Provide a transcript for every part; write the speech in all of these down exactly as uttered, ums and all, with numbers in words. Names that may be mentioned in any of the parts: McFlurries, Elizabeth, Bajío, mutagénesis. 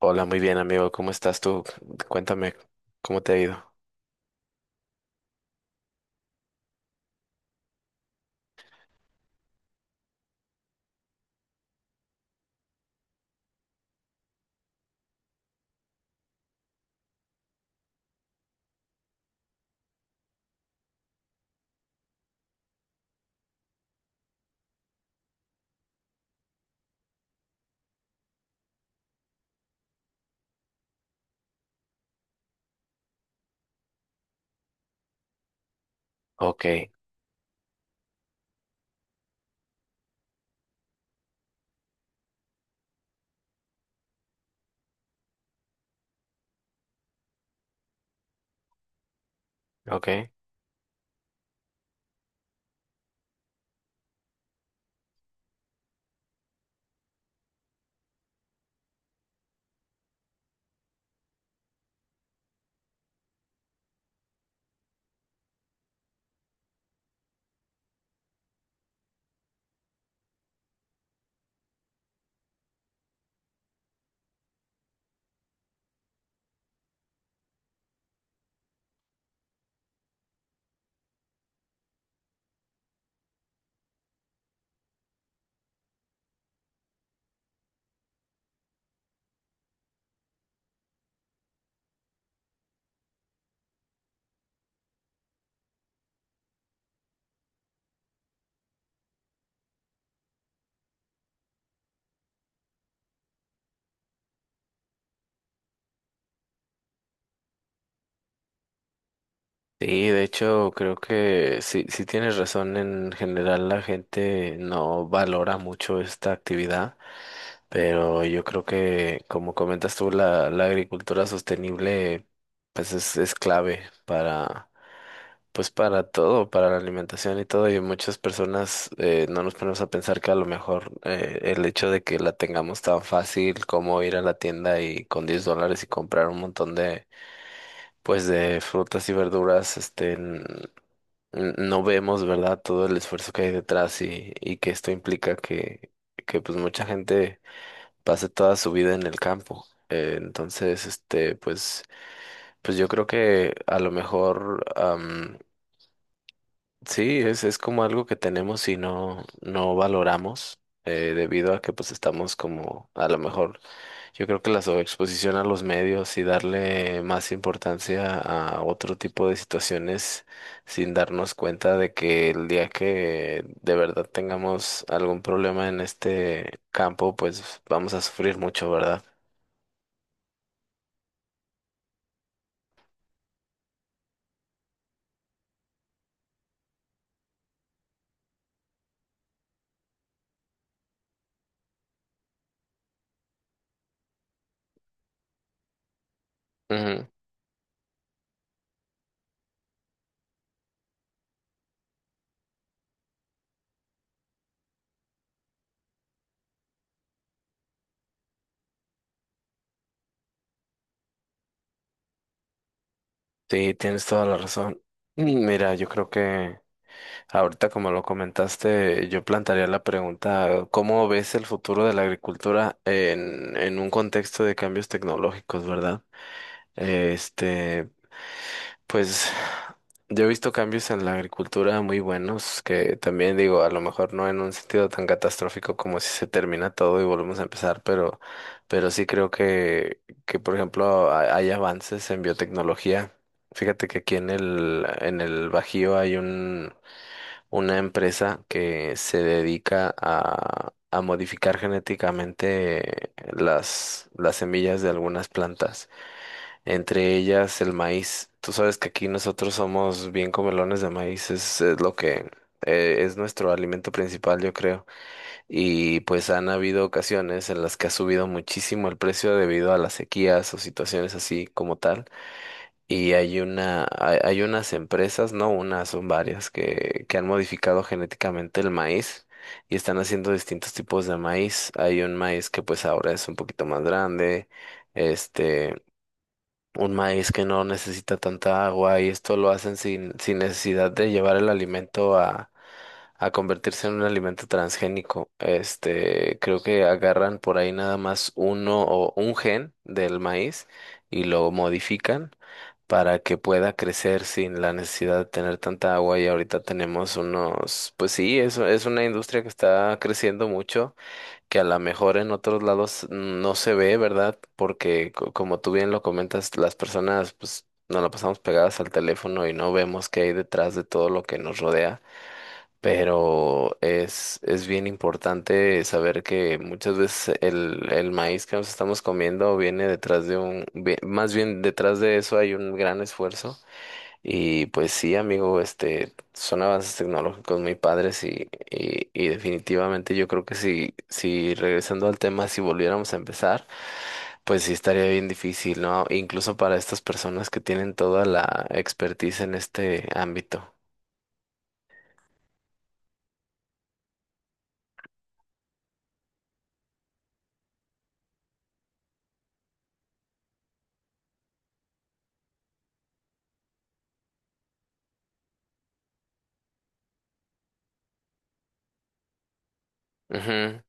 Hola, muy bien, amigo. ¿Cómo estás tú? Cuéntame, ¿cómo te ha ido? Ok, ok. Sí, de hecho, creo que sí, sí tienes razón. En general, la gente no valora mucho esta actividad, pero yo creo que, como comentas tú, la, la agricultura sostenible, pues es, es clave para, pues para todo, para la alimentación y todo. Y muchas personas eh, no nos ponemos a pensar que a lo mejor eh, el hecho de que la tengamos tan fácil como ir a la tienda y con diez dólares y comprar un montón de, pues de frutas y verduras, este, n- n- no vemos, ¿verdad? Todo el esfuerzo que hay detrás, y, y que esto implica que, que pues mucha gente pase toda su vida en el campo. Eh, entonces, este, pues, pues yo creo que a lo mejor... Sí, es, es como algo que tenemos y no, no valoramos eh, debido a que pues estamos como a lo mejor. Yo creo que la sobreexposición a los medios y darle más importancia a otro tipo de situaciones, sin darnos cuenta de que el día que de verdad tengamos algún problema en este campo, pues vamos a sufrir mucho, ¿verdad? Ujú. Sí, tienes toda la razón. Mm, Mira, yo creo que ahorita, como lo comentaste, yo plantearía la pregunta: ¿cómo ves el futuro de la agricultura en, en, un contexto de cambios tecnológicos, verdad? Este, pues yo he visto cambios en la agricultura muy buenos, que también digo, a lo mejor no en un sentido tan catastrófico como si se termina todo y volvemos a empezar, pero, pero, sí creo que, que por ejemplo, ha- hay avances en biotecnología. Fíjate que aquí en el, en el, Bajío hay un una empresa que se dedica a, a, modificar genéticamente las, las semillas de algunas plantas, entre ellas el maíz. Tú sabes que aquí nosotros somos bien comelones de maíz, es, es lo que... eh, Es nuestro alimento principal, yo creo. Y pues han habido ocasiones en las que ha subido muchísimo el precio debido a las sequías o situaciones así como tal. Y hay una, hay, hay unas empresas, no unas, son varias, que, que, han modificado genéticamente el maíz, y están haciendo distintos tipos de maíz. Hay un maíz que pues ahora es un poquito más grande, este, un maíz que no necesita tanta agua, y esto lo hacen sin, sin, necesidad de llevar el alimento a, a convertirse en un alimento transgénico. Este, creo que agarran por ahí nada más uno o un gen del maíz y lo modifican para que pueda crecer sin la necesidad de tener tanta agua, y ahorita tenemos unos, pues sí, eso es una industria que está creciendo mucho, que a lo mejor en otros lados no se ve, ¿verdad? Porque co- como tú bien lo comentas, las personas pues nos la pasamos pegadas al teléfono y no vemos qué hay detrás de todo lo que nos rodea. Pero es, es bien importante saber que muchas veces el, el, maíz que nos estamos comiendo viene detrás de un, vi- más bien detrás de eso hay un gran esfuerzo. Y pues sí, amigo, este, son avances tecnológicos muy padres, y, y, y definitivamente yo creo que si, si regresando al tema, si volviéramos a empezar, pues sí estaría bien difícil, ¿no? Incluso para estas personas que tienen toda la expertise en este ámbito. Ujú,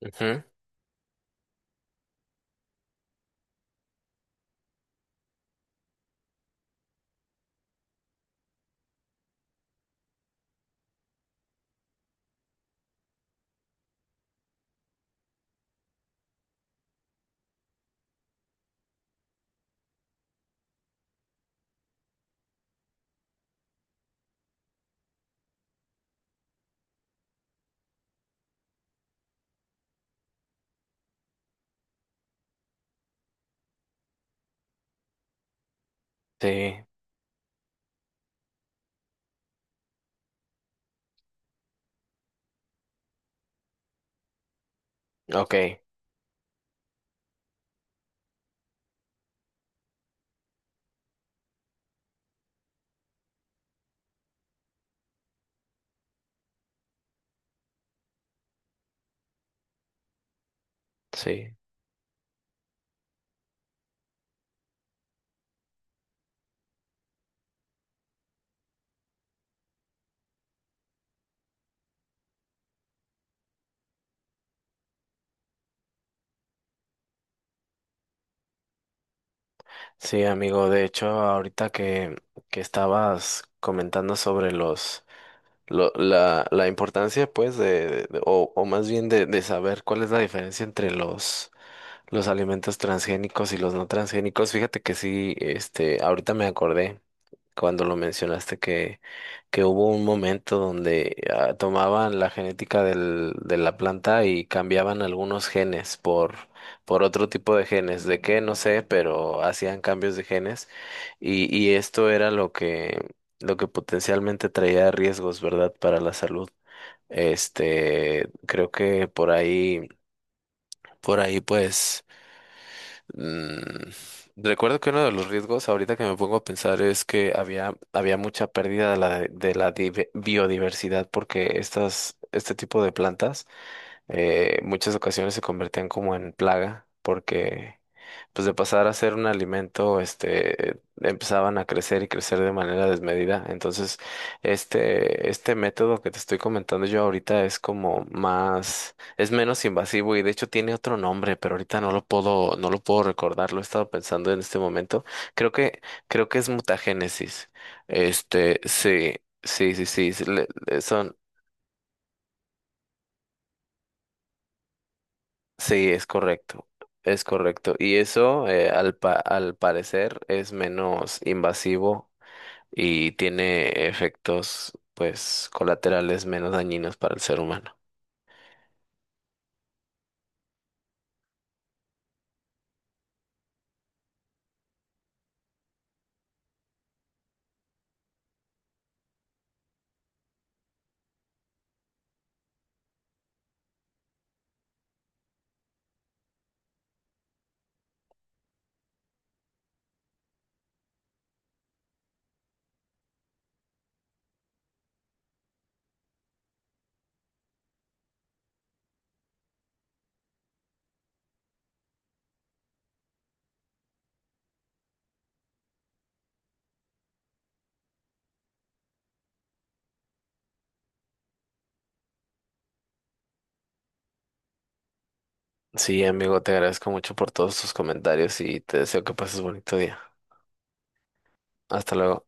ujú. Sí, ok, sí. Sí, amigo, de hecho, ahorita que, que, estabas comentando sobre los lo- la, la importancia, pues, de, de- de- o, o más bien de, de saber cuál es la diferencia entre los, los, alimentos transgénicos y los no transgénicos. Fíjate que sí, este, ahorita me acordé cuando lo mencionaste que, que, hubo un momento donde ah, tomaban la genética del, de la planta y cambiaban algunos genes por, por otro tipo de genes. ¿De qué? No sé, pero hacían cambios de genes, y, y esto era lo que, lo que potencialmente traía riesgos, ¿verdad?, para la salud. Este, creo que por ahí, por ahí pues. Mm, recuerdo que uno de los riesgos, ahorita que me pongo a pensar, es que había, había, mucha pérdida de la, de la dive- biodiversidad, porque estas, este tipo de plantas, eh, muchas ocasiones se convertían como en plaga, porque pues de pasar a ser un alimento, este, empezaban a crecer y crecer de manera desmedida. Entonces, este, este, método que te estoy comentando yo ahorita es como más es menos invasivo, y de hecho tiene otro nombre, pero ahorita no lo puedo, no lo puedo recordar, lo he estado pensando en este momento. Creo que, creo que es mutagénesis. Este, sí, sí, sí, sí, sí, le- le- son, sí, es correcto, es correcto. Y eso, eh, al pa- al parecer, es menos invasivo y tiene efectos, pues, colaterales menos dañinos para el ser humano. Sí, amigo, te agradezco mucho por todos tus comentarios y te deseo que pases bonito día. Hasta luego.